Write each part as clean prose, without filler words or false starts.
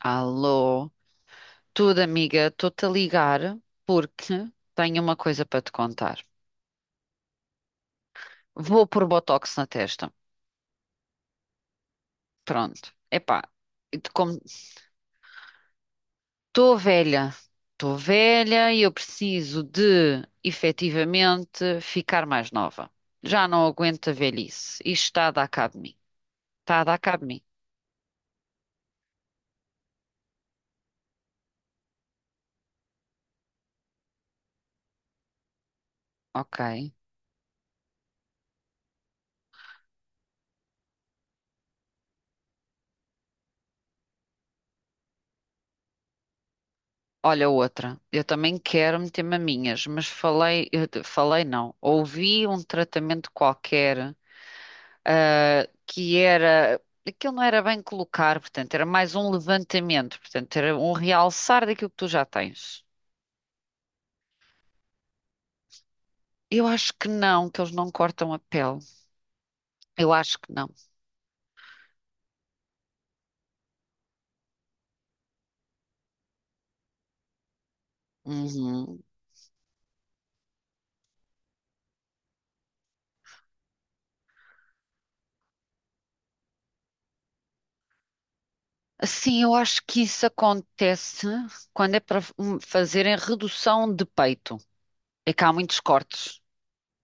Alô, tudo amiga, estou-te a ligar porque tenho uma coisa para te contar. Vou pôr Botox na testa. Pronto. Epá, e de como estou velha, e eu preciso de efetivamente ficar mais nova. Já não aguento a velhice. Isto está a dar cabo de mim. Está a dar cabo de mim. Ok. Olha outra. Eu também quero meter maminhas, mas falei, falei não. Ouvi um tratamento qualquer que era. Aquilo não era bem colocar, portanto, era mais um levantamento, portanto, era um realçar daquilo que tu já tens. Eu acho que não, que eles não cortam a pele. Eu acho que não. Uhum. Sim, eu acho que isso acontece quando é para fazerem redução de peito. É que há muitos cortes.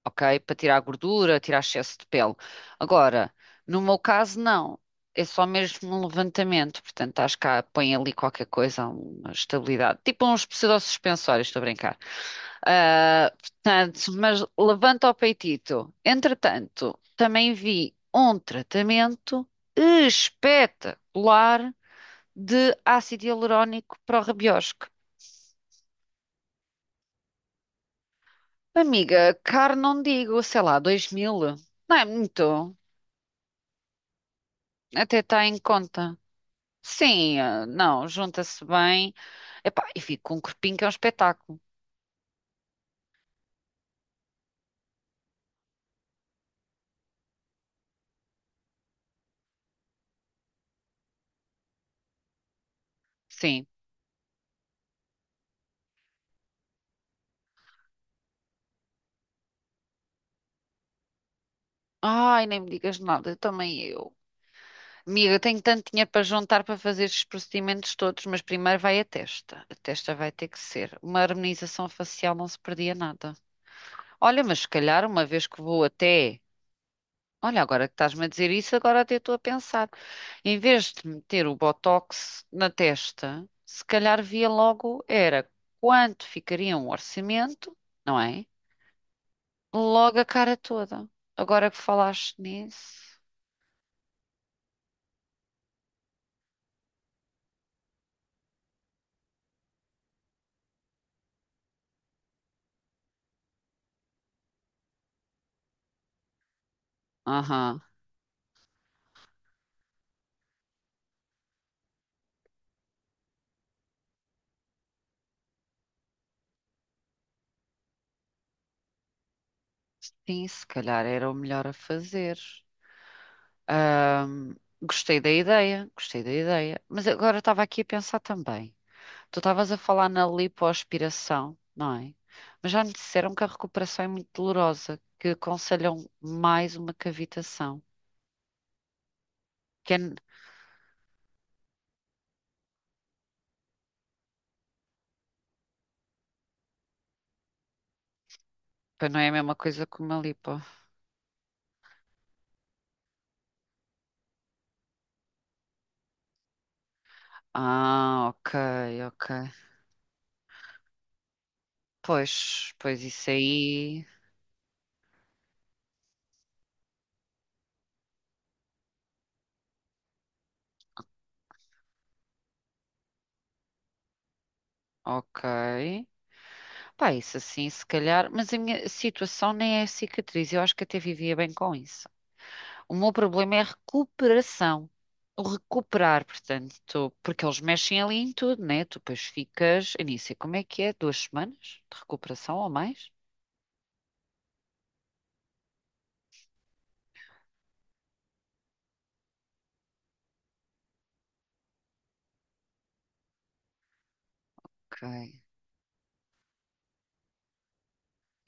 Ok? Para tirar a gordura, tirar excesso de pele. Agora, no meu caso, não. É só mesmo um levantamento. Portanto, acho que põe ali qualquer coisa, uma estabilidade. Tipo uns pseudosuspensórios, estou a brincar. Ah, portanto, mas levanta o peitito. Entretanto, também vi um tratamento espetacular de ácido hialurónico para o rabiosco. Amiga, caro não digo, sei lá, 2000. Não é muito. Até está em conta. Sim, ah, não, junta-se bem. Epá, e fico com um corpinho que é um espetáculo. Sim. Ai, nem me digas nada, também eu. Amiga, tenho tanto dinheiro para juntar para fazer estes procedimentos todos, mas primeiro vai a testa. A testa vai ter que ser. Uma harmonização facial não se perdia nada. Olha, mas se calhar uma vez que vou até. Olha, agora que estás-me a dizer isso, agora até estou a pensar. Em vez de meter o Botox na testa, se calhar via logo era quanto ficaria um orçamento, não é? Logo a cara toda. Agora que falaste nisso. Aham. Sim, se calhar era o melhor a fazer. Ahm, gostei da ideia, Mas agora eu estava aqui a pensar também. Tu estavas a falar na lipoaspiração, não é? Mas já me disseram que a recuperação é muito dolorosa, que aconselham mais uma cavitação. Que é, pois não é a mesma coisa que uma lipo. Ah, ok, ok. Pois, pois isso aí, ok. Pá, isso assim, se calhar, mas a minha situação nem é cicatriz, eu acho que até vivia bem com isso. O meu problema é a recuperação, o recuperar, portanto, porque eles mexem ali em tudo, né? Tu depois ficas, eu nem sei como é que é, duas semanas de recuperação ou mais? Ok.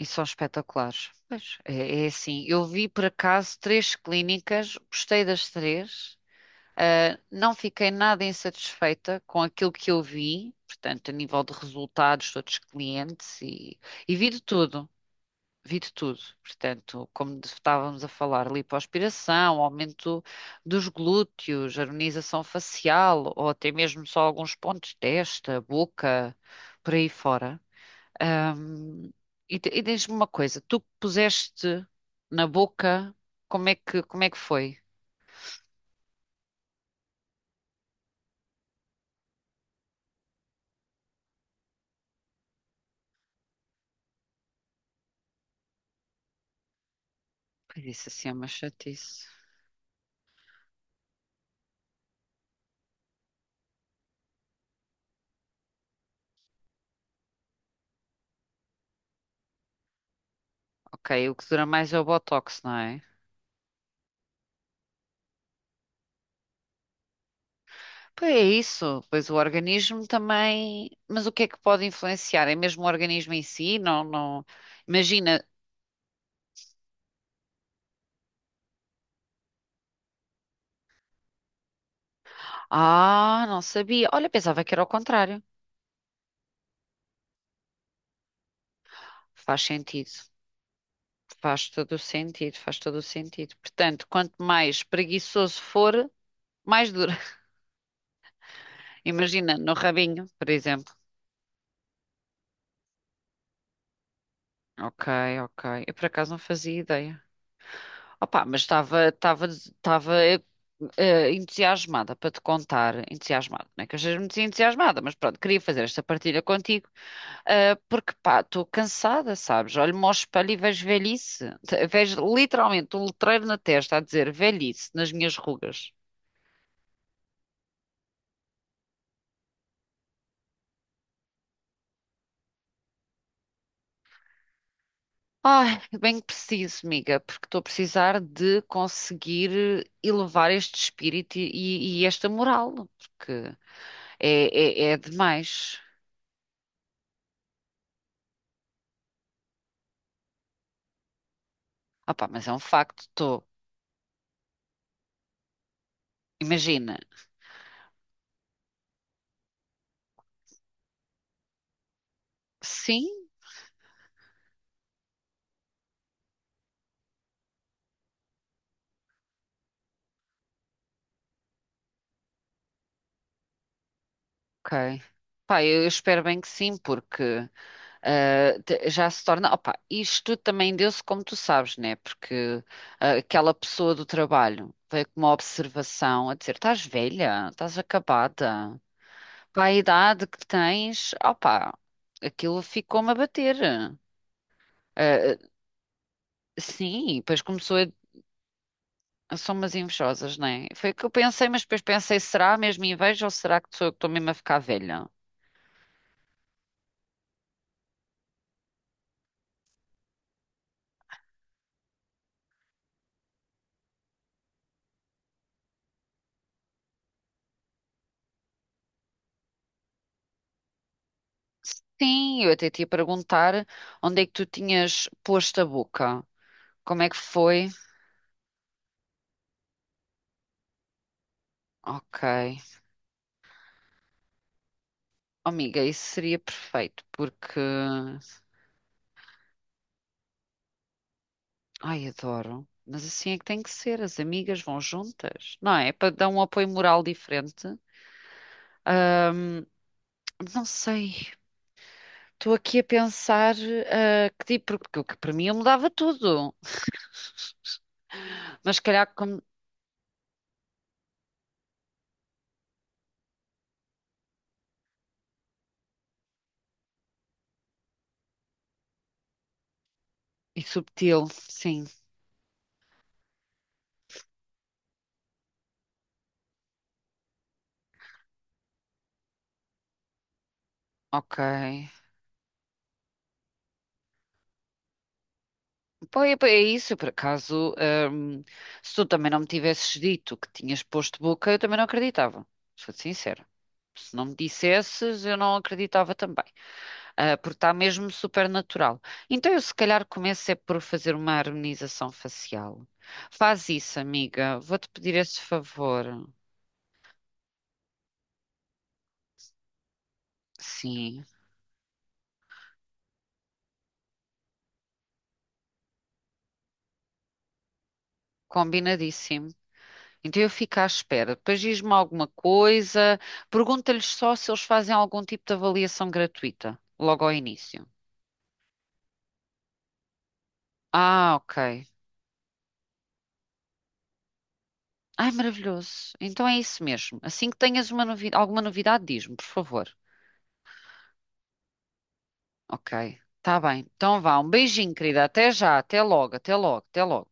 E são espetaculares. Pois, é, é assim, eu vi por acaso três clínicas, gostei das três, não fiquei nada insatisfeita com aquilo que eu vi, portanto, a nível de resultados, de outros clientes e, e vi de tudo, vi de tudo. Portanto, como estávamos a falar, lipoaspiração, aumento dos glúteos, harmonização facial ou até mesmo só alguns pontos de testa, boca, por aí fora. Um, e e diz-me uma coisa, tu que puseste na boca, como é que foi? Pois isso assim é uma chatice. Ok, o que dura mais é o Botox, não é? Pois é isso, pois o organismo também. Mas o que é que pode influenciar? É mesmo o organismo em si? Não, não. Imagina. Ah, não sabia. Olha, pensava que era o contrário. Faz sentido. Faz todo o sentido, Portanto, quanto mais preguiçoso for, mais dura. Imagina, no rabinho, por exemplo. Ok, ok. Eu por acaso não fazia ideia. Opa, mas estava entusiasmada para te contar, entusiasmada, não é que eu seja muito entusiasmada, mas pronto, queria fazer esta partilha contigo, porque pá, estou cansada, sabes? Olho-me ao espelho e vejo velhice, vejo literalmente um letreiro na testa a dizer velhice nas minhas rugas. Ai, bem que preciso, amiga, porque estou a precisar de conseguir elevar este espírito esta moral, porque é, é demais. Opa, mas é um facto, estou. Imagina, sim, ok. Pá, eu espero bem que sim, porque ah, já se torna. Opa, isto também deu-se como tu sabes, né? Porque ah, aquela pessoa do trabalho veio com uma observação a dizer: estás velha, estás acabada, para a idade que tens, opa, aquilo ficou-me a bater. Ah, sim, depois começou a. São umas invejosas, né? Foi o que eu pensei, mas depois pensei: será mesmo inveja ou será que sou eu que estou mesmo a ficar velha? Sim, eu até te ia perguntar onde é que tu tinhas posto a boca. Como é que foi? Ok. Oh, amiga, isso seria perfeito, porque. Ai, adoro. Mas assim é que tem que ser, as amigas vão juntas, não é? Para dar um apoio moral diferente. Ahm, não sei, estou aqui a pensar ah, que tipo, porque o que para mim eu mudava tudo, mas se calhar como. E subtil, sim, ok. Pois é, pois é isso, eu, por acaso, hum, se tu também não me tivesses dito que tinhas posto boca, eu também não acreditava, sou te sincera. Se não me dissesses, eu não acreditava também, Ah, porque está mesmo super natural. Então eu se calhar começo é por fazer uma harmonização facial. Faz isso, amiga, vou-te pedir esse favor. Sim, combinadíssimo. Então eu fico à espera. Depois diz-me alguma coisa, pergunta-lhes só se eles fazem algum tipo de avaliação gratuita, logo ao início. Ah, ok. Ai, maravilhoso. Então é isso mesmo. Assim que tenhas uma alguma novidade, diz-me, por favor. Ok, tá bem. Então vá, um beijinho, querida. Até já, até logo,